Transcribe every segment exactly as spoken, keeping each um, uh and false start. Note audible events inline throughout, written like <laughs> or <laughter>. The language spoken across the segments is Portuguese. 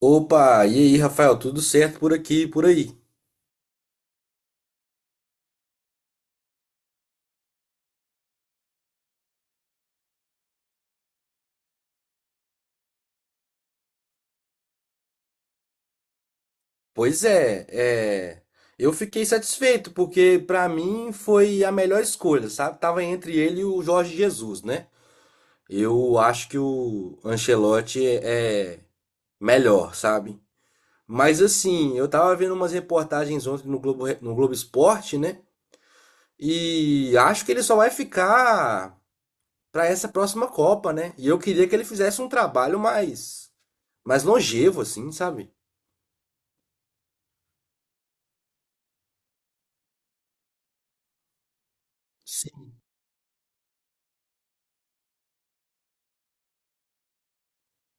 Opa, e aí, Rafael, tudo certo por aqui e por aí? Pois é, é, eu fiquei satisfeito porque pra mim foi a melhor escolha, sabe? Tava entre ele e o Jorge Jesus, né? Eu acho que o Ancelotti é é melhor, sabe? Mas assim, eu tava vendo umas reportagens ontem no Globo, no Globo Esporte, né? E acho que ele só vai ficar pra essa próxima Copa, né? E eu queria que ele fizesse um trabalho mais mais longevo assim, sabe?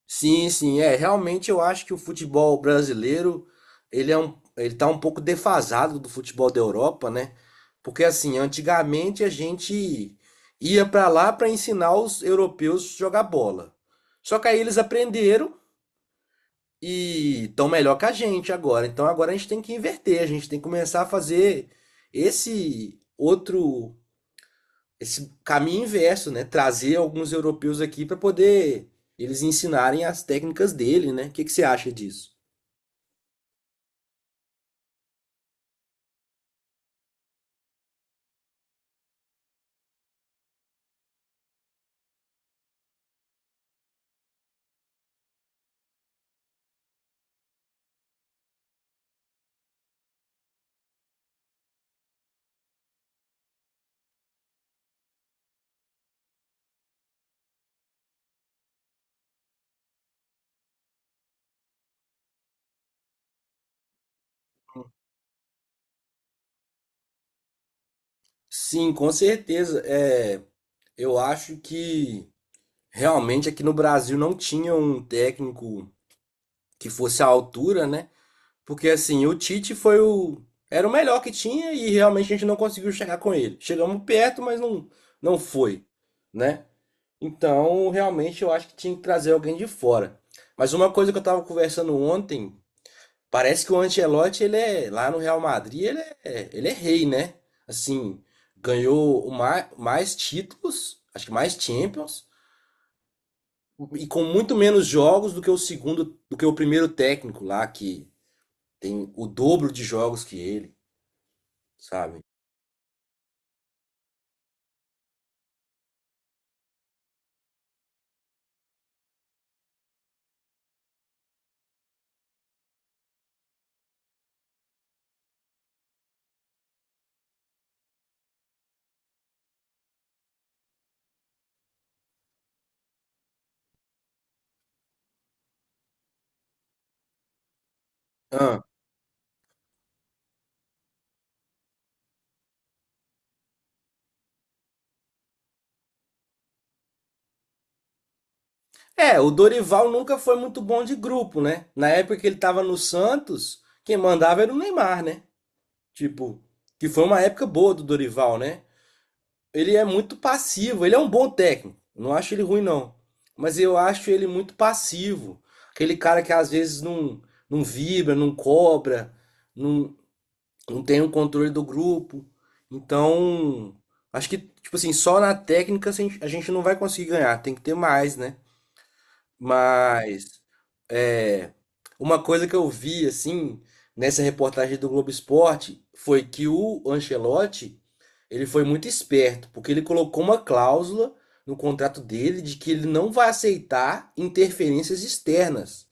Sim, sim, é. Realmente eu acho que o futebol brasileiro, ele é um, ele tá um pouco defasado do futebol da Europa, né? Porque assim, antigamente a gente ia para lá para ensinar os europeus a jogar bola. Só que aí eles aprenderam e estão melhor que a gente agora. Então agora a gente tem que inverter, a gente tem que começar a fazer esse outro esse caminho inverso, né? Trazer alguns europeus aqui para poder eles ensinarem as técnicas dele, né? O que que você acha disso? Sim, com certeza. É, eu acho que realmente aqui no Brasil não tinha um técnico que fosse à altura, né? Porque assim, o Tite foi o era o melhor que tinha e realmente a gente não conseguiu chegar com ele. Chegamos perto, mas não não foi, né? Então, realmente eu acho que tinha que trazer alguém de fora. Mas uma coisa que eu estava conversando ontem. Parece que o Ancelotti, ele é, lá no Real Madrid, ele é, ele é rei, né? Assim, ganhou o ma- mais títulos, acho que mais Champions, e com muito menos jogos do que o segundo, do que o primeiro técnico lá, que tem o dobro de jogos que ele, sabe? Ah. É, o Dorival nunca foi muito bom de grupo, né? Na época que ele tava no Santos, quem mandava era o Neymar, né? Tipo, que foi uma época boa do Dorival, né? Ele é muito passivo. Ele é um bom técnico. Não acho ele ruim, não. Mas eu acho ele muito passivo. Aquele cara que às vezes não, não vibra, não cobra, não, não tem o controle do grupo. Então, acho que, tipo assim, só na técnica a gente a gente não vai conseguir ganhar. Tem que ter mais, né? Mas é, uma coisa que eu vi assim nessa reportagem do Globo Esporte foi que o Ancelotti ele foi muito esperto porque ele colocou uma cláusula no contrato dele de que ele não vai aceitar interferências externas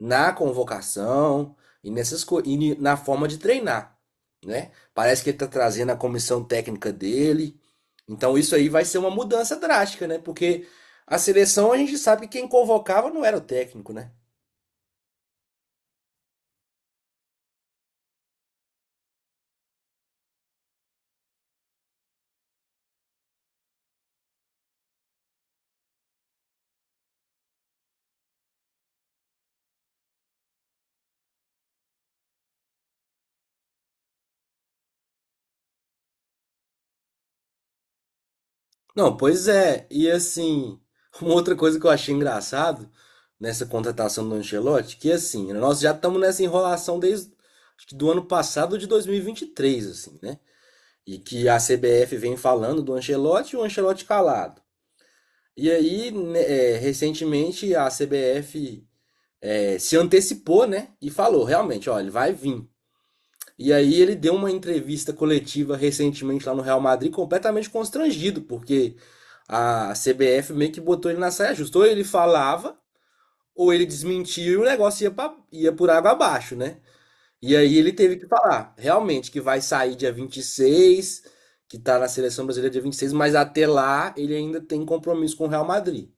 na convocação e nessas co- e ni- na forma de treinar, né? Parece que ele está trazendo a comissão técnica dele. Então isso aí vai ser uma mudança drástica, né? Porque a seleção a gente sabe que quem convocava não era o técnico, né? Não, pois é. E assim, <laughs> uma outra coisa que eu achei engraçado nessa contratação do Ancelotti, que assim, nós já estamos nessa enrolação desde acho que do ano passado, de dois mil e e vinte e três assim, né? E que a C B F vem falando do Ancelotti e o Ancelotti calado. E aí, né, é, recentemente, a C B F, é, se antecipou, né? E falou, realmente, ó, ele vai vir. E aí ele deu uma entrevista coletiva recentemente lá no Real Madrid, completamente constrangido, porque a C B F meio que botou ele na saia justa. Ou ele falava, ou ele desmentia e o negócio ia, pra- ia por água abaixo, né? E aí ele teve que falar, realmente, que vai sair dia vinte e seis, que tá na seleção brasileira dia vinte e seis, mas até lá ele ainda tem compromisso com o Real Madrid.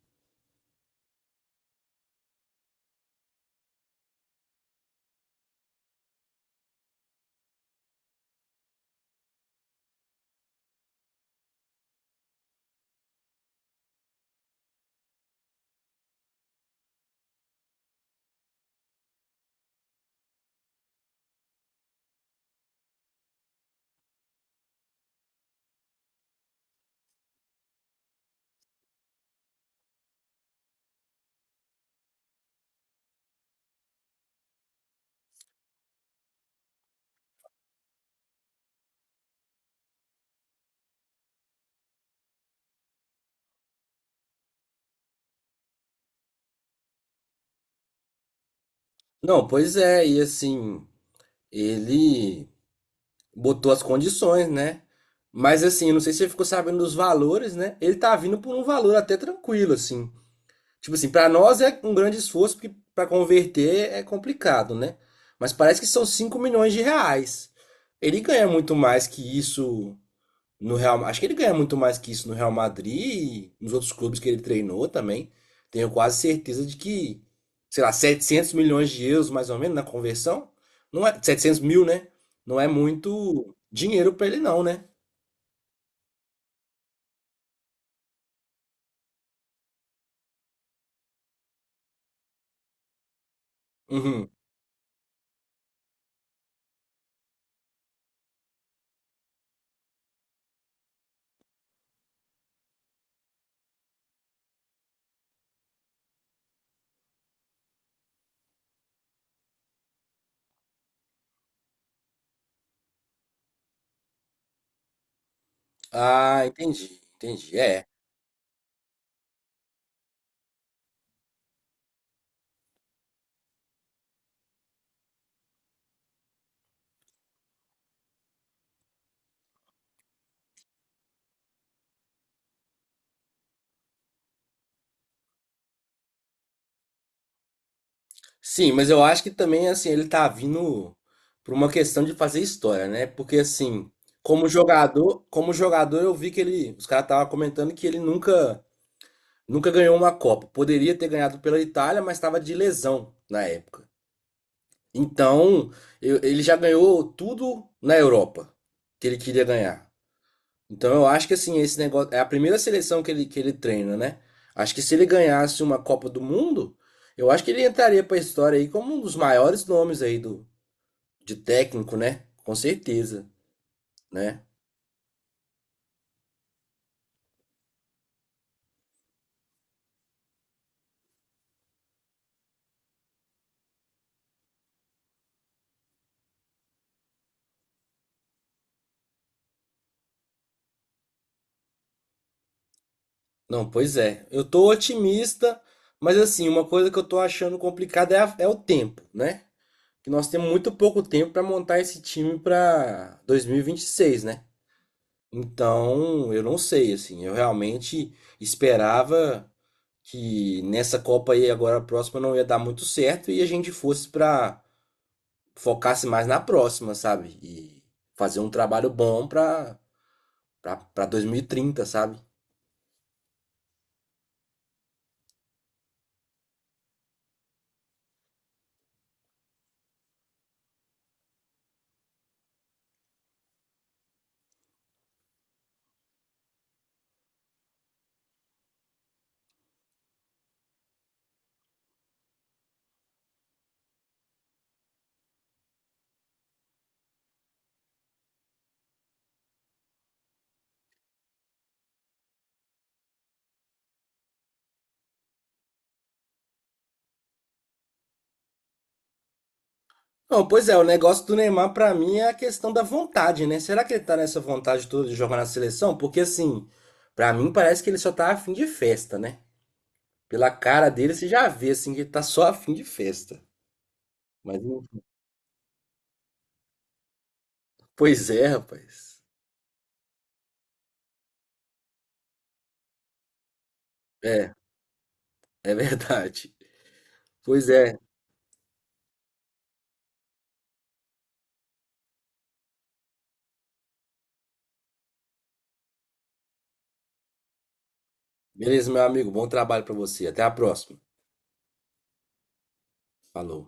Não, pois é, e assim, ele botou as condições, né? Mas assim, eu não sei se você ficou sabendo dos valores, né? Ele tá vindo por um valor até tranquilo, assim. Tipo assim, pra nós é um grande esforço, porque pra converter é complicado, né? Mas parece que são cinco milhões de reais. Ele ganha muito mais que isso no Real, acho que ele ganha muito mais que isso no Real Madrid e nos outros clubes que ele treinou também. Tenho quase certeza de que, sei lá, setecentos milhões de euros mais ou menos na conversão, não é setecentos mil, né? Não é muito dinheiro para ele não, né? Uhum. Ah, entendi, entendi. É. Sim, mas eu acho que também assim ele tá vindo por uma questão de fazer história, né? Porque assim, como jogador, como jogador eu vi que ele, os caras estavam comentando que ele nunca, nunca ganhou uma Copa. Poderia ter ganhado pela Itália, mas estava de lesão na época. Então, eu- ele já ganhou tudo na Europa que ele queria ganhar. Então, eu acho que assim, esse negócio é a primeira seleção que ele, que ele treina, né? Acho que se ele ganhasse uma Copa do Mundo, eu acho que ele entraria para a história aí como um dos maiores nomes aí do de técnico, né? Com certeza, né? Não, pois é. Eu tô otimista, mas assim, uma coisa que eu tô achando complicada é, a- é o tempo, né? Que nós temos muito pouco tempo para montar esse time para dois mil e e vinte e seis, né? Então, eu não sei, assim, eu realmente esperava que nessa Copa aí agora a próxima não ia dar muito certo e a gente fosse para focasse mais na próxima, sabe? E fazer um trabalho bom para para dois mil e trinta, sabe? Não, pois é, o negócio do Neymar pra mim é a questão da vontade, né? Será que ele tá nessa vontade toda de jogar na seleção? Porque assim, pra mim parece que ele só tá afim de festa, né? Pela cara dele, você já vê assim que ele tá só a fim de festa. Mas não. Pois é, rapaz. É, é verdade. Pois é. Beleza, meu amigo. Bom trabalho pra você. Até a próxima. Falou.